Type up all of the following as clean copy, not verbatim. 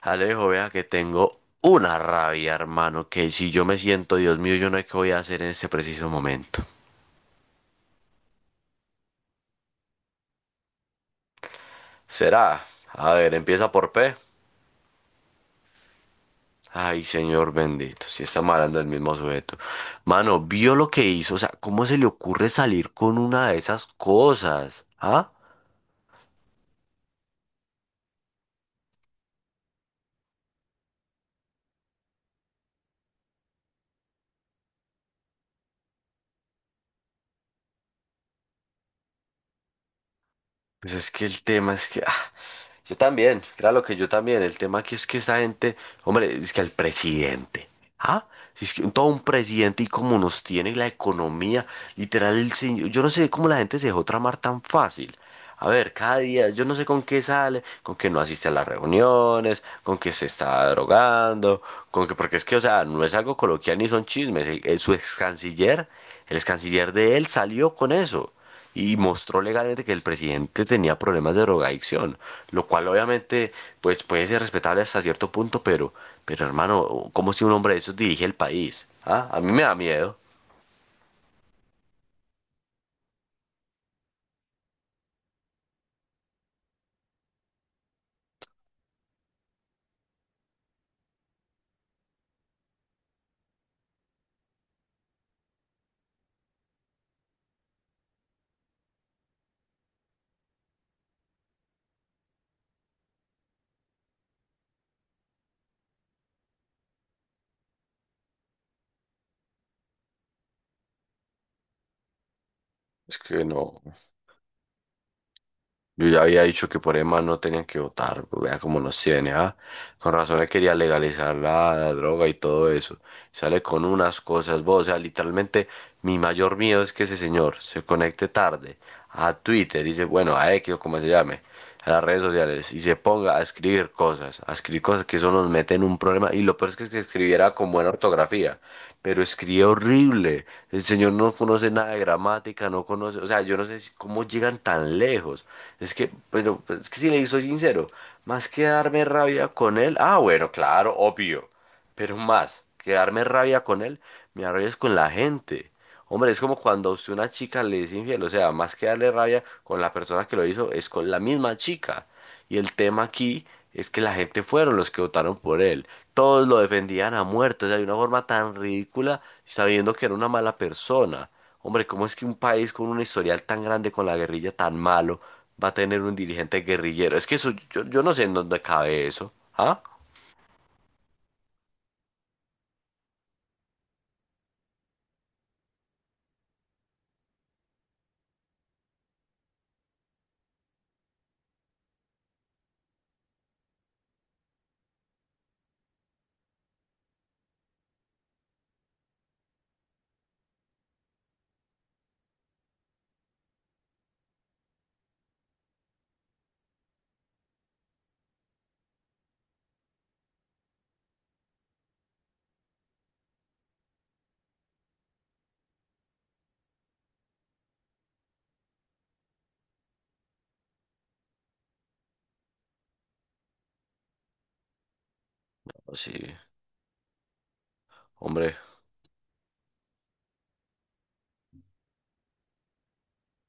Alejo, vea que tengo una rabia, hermano, que si yo me siento, Dios mío, yo no sé qué voy a hacer en este preciso momento. ¿Será? A ver, empieza por P. Ay, señor bendito, si está malando el mismo sujeto. Mano, vio lo que hizo, o sea, ¿cómo se le ocurre salir con una de esas cosas? ¿Ah? Pues es que el tema es que, yo también, claro que yo también. El tema aquí es que esa gente, hombre, es que el presidente, ¿ah? Si es que todo un presidente y como nos tiene la economía, literal, el señor, yo no sé cómo la gente se dejó tramar tan fácil. A ver, cada día, yo no sé con qué sale, con que no asiste a las reuniones, con que se está drogando, con que, porque es que, o sea, no es algo coloquial ni son chismes. Su ex canciller, el ex canciller de él salió con eso y mostró legalmente que el presidente tenía problemas de drogadicción, lo cual obviamente pues puede ser respetable hasta cierto punto, pero hermano, ¿cómo si un hombre de esos dirige el país? ¿Ah? A mí me da miedo. Es que no, yo ya había dicho que por EMA no tenían que votar, pues, vea cómo nos tiene, ¿ah? Con razón él quería legalizar la droga y todo eso. Sale con unas cosas, vos, o sea, literalmente mi mayor miedo es que ese señor se conecte tarde a Twitter y dice, bueno, a X o como se llame, a las redes sociales y se ponga a escribir cosas que eso nos mete en un problema. Y lo peor es que escribiera con buena ortografía, pero escribe horrible. El señor no conoce nada de gramática, no conoce, o sea, yo no sé cómo llegan tan lejos. Es que, pero pues, es que si le soy sincero, más que darme rabia con él, ah, bueno, claro, obvio, pero más que darme rabia con él, me da rabia es con la gente. Hombre, es como cuando a usted una chica le es infiel, o sea, más que darle rabia con la persona que lo hizo, es con la misma chica. Y el tema aquí es que la gente fueron los que votaron por él. Todos lo defendían a muerto, o sea, de una forma tan ridícula, sabiendo que era una mala persona. Hombre, ¿cómo es que un país con un historial tan grande con la guerrilla tan malo va a tener un dirigente guerrillero? Es que eso, yo no sé en dónde cabe eso. ¿Ah? Sí, hombre.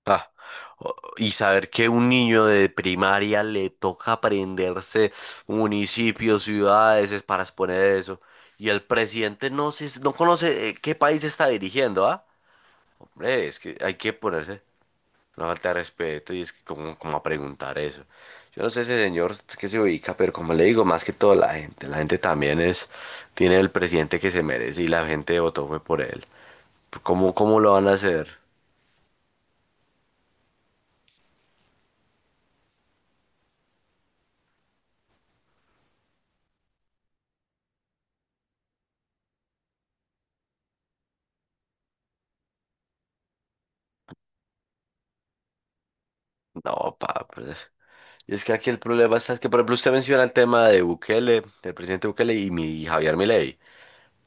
Ah. O- y saber que un niño de primaria le toca aprenderse municipios, ciudades, es para exponer eso. Y el presidente no conoce qué país está dirigiendo, ¿ah? Hombre, es que hay que ponerse. Una falta de respeto y es que como, como a preguntar eso. Yo no sé ese señor que se ubica, pero como le digo, más que todo la gente. La gente también es, tiene el presidente que se merece y la gente votó fue por él. ¿Cómo, cómo lo van a hacer? No, pa, pues, y es que aquí el problema está es que, por ejemplo, usted menciona el tema de Bukele, del presidente Bukele y Javier Milei.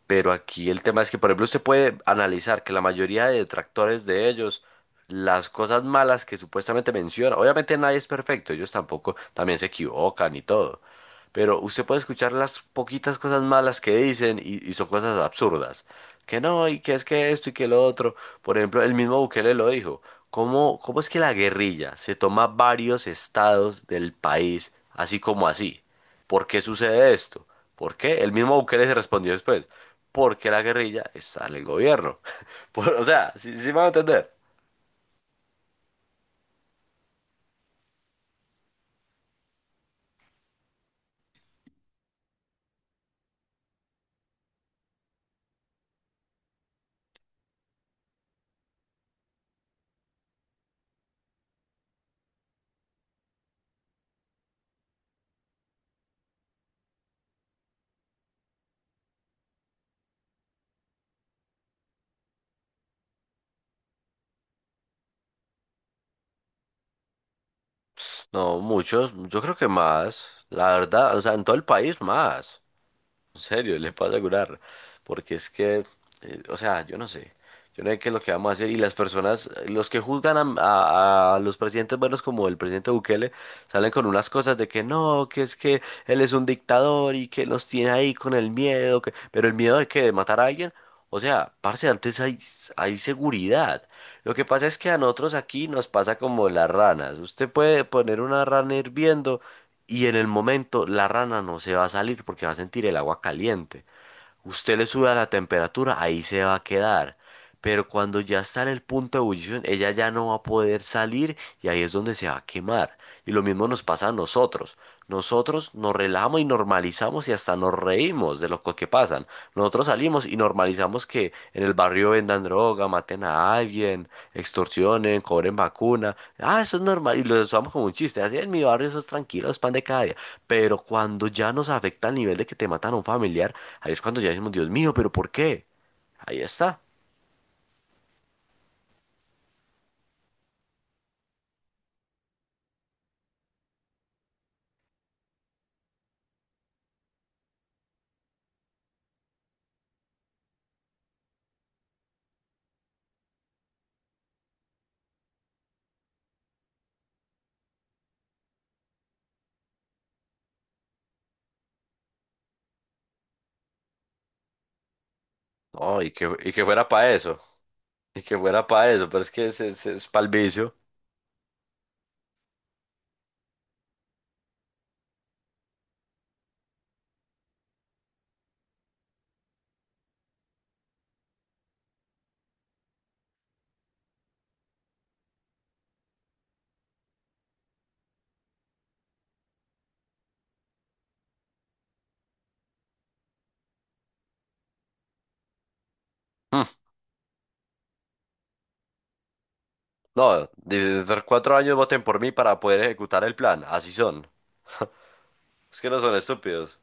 Pero aquí el tema es que, por ejemplo, usted puede analizar que la mayoría de detractores de ellos, las cosas malas que supuestamente mencionan obviamente nadie es perfecto, ellos tampoco también se equivocan y todo. Pero usted puede escuchar las poquitas cosas malas que dicen y son cosas absurdas. Que no, y que es que esto y que lo otro. Por ejemplo, el mismo Bukele lo dijo. ¿Cómo, cómo es que la guerrilla se toma varios estados del país así como así? ¿Por qué sucede esto? ¿Por qué? El mismo Bukele se respondió después porque la guerrilla está en el gobierno. Por- o sea, sí, sí me van a entender. No, muchos, yo creo que más, la verdad, o sea, en todo el país más. En serio, le pasa a curar. Porque es que, o sea, yo no sé. Yo no sé qué es lo que vamos a hacer. Y las personas, los que juzgan a, a los presidentes buenos como el presidente Bukele, salen con unas cosas de que no, que es que él es un dictador y que los tiene ahí con el miedo. Que- Pero el miedo de que de matar a alguien. O sea, parce, antes hay, hay seguridad. Lo que pasa es que a nosotros aquí nos pasa como las ranas. Usted puede poner una rana hirviendo y en el momento la rana no se va a salir porque va a sentir el agua caliente. Usted le sube a la temperatura, ahí se va a quedar. Pero cuando ya está en el punto de ebullición, ella ya no va a poder salir y ahí es donde se va a quemar. Y lo mismo nos pasa a nosotros. Nosotros nos relajamos y normalizamos y hasta nos reímos de que pasan. Nosotros salimos y normalizamos que en el barrio vendan droga, maten a alguien, extorsionen, cobren vacuna. Ah, eso es normal. Y lo usamos como un chiste. Así en mi barrio eso es tranquilo, es pan de cada día. Pero cuando ya nos afecta al nivel de que te matan a un familiar, ahí es cuando ya decimos, Dios mío, ¿pero por qué? Ahí está. No, y que fuera para eso. Y que fuera para eso, pero es que es pa'l vicio. Mm, no, desde cuatro años voten por mí para poder ejecutar el plan. Así son. Es que no son estúpidos.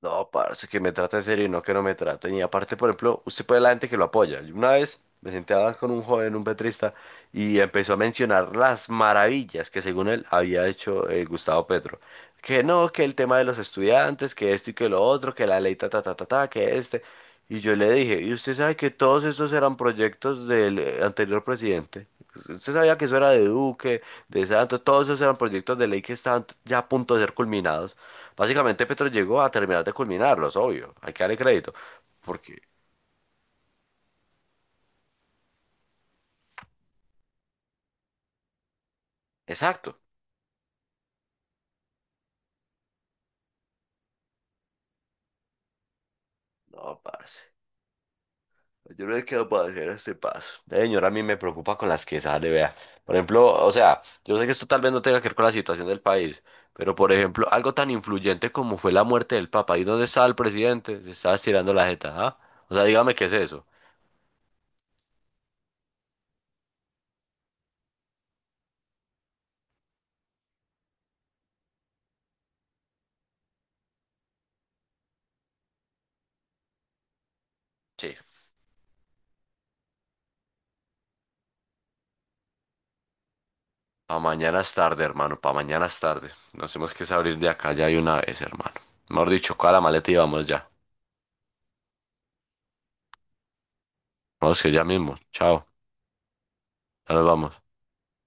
No, parce, que me trate en serio y no que no me traten. Y aparte, por ejemplo, usted puede la gente que lo apoya. Yo una vez me senté a hablar con un joven, un petrista, y empezó a mencionar las maravillas que según él había hecho Gustavo Petro. Que no, que el tema de los estudiantes, que esto y que lo otro, que la ley ta ta ta ta ta, que este. Y yo le dije, ¿y usted sabe que todos esos eran proyectos del anterior presidente? Usted sabía que eso era de Duque, de Santos, todos esos eran proyectos de ley que estaban ya a punto de ser culminados. Básicamente Petro llegó a terminar de culminarlos, obvio. Hay que darle crédito. Porque, exacto. No, parce. Yo no he quedado para hacer este paso. La señora a mí me preocupa con las que sale, vea. Por ejemplo, o sea, yo sé que esto tal vez no tenga que ver con la situación del país, pero por ejemplo, algo tan influyente como fue la muerte del Papa. ¿Y dónde está el presidente? Se está estirando la jeta, ¿ah? O sea, dígame qué es eso. Sí. Pa' mañana es tarde, hermano. Pa' mañana es tarde. Nos tenemos que salir de acá ya de una vez, hermano. Mejor dicho, coja la maleta y vamos ya. Vamos que ya mismo. Chao. Ahora vamos.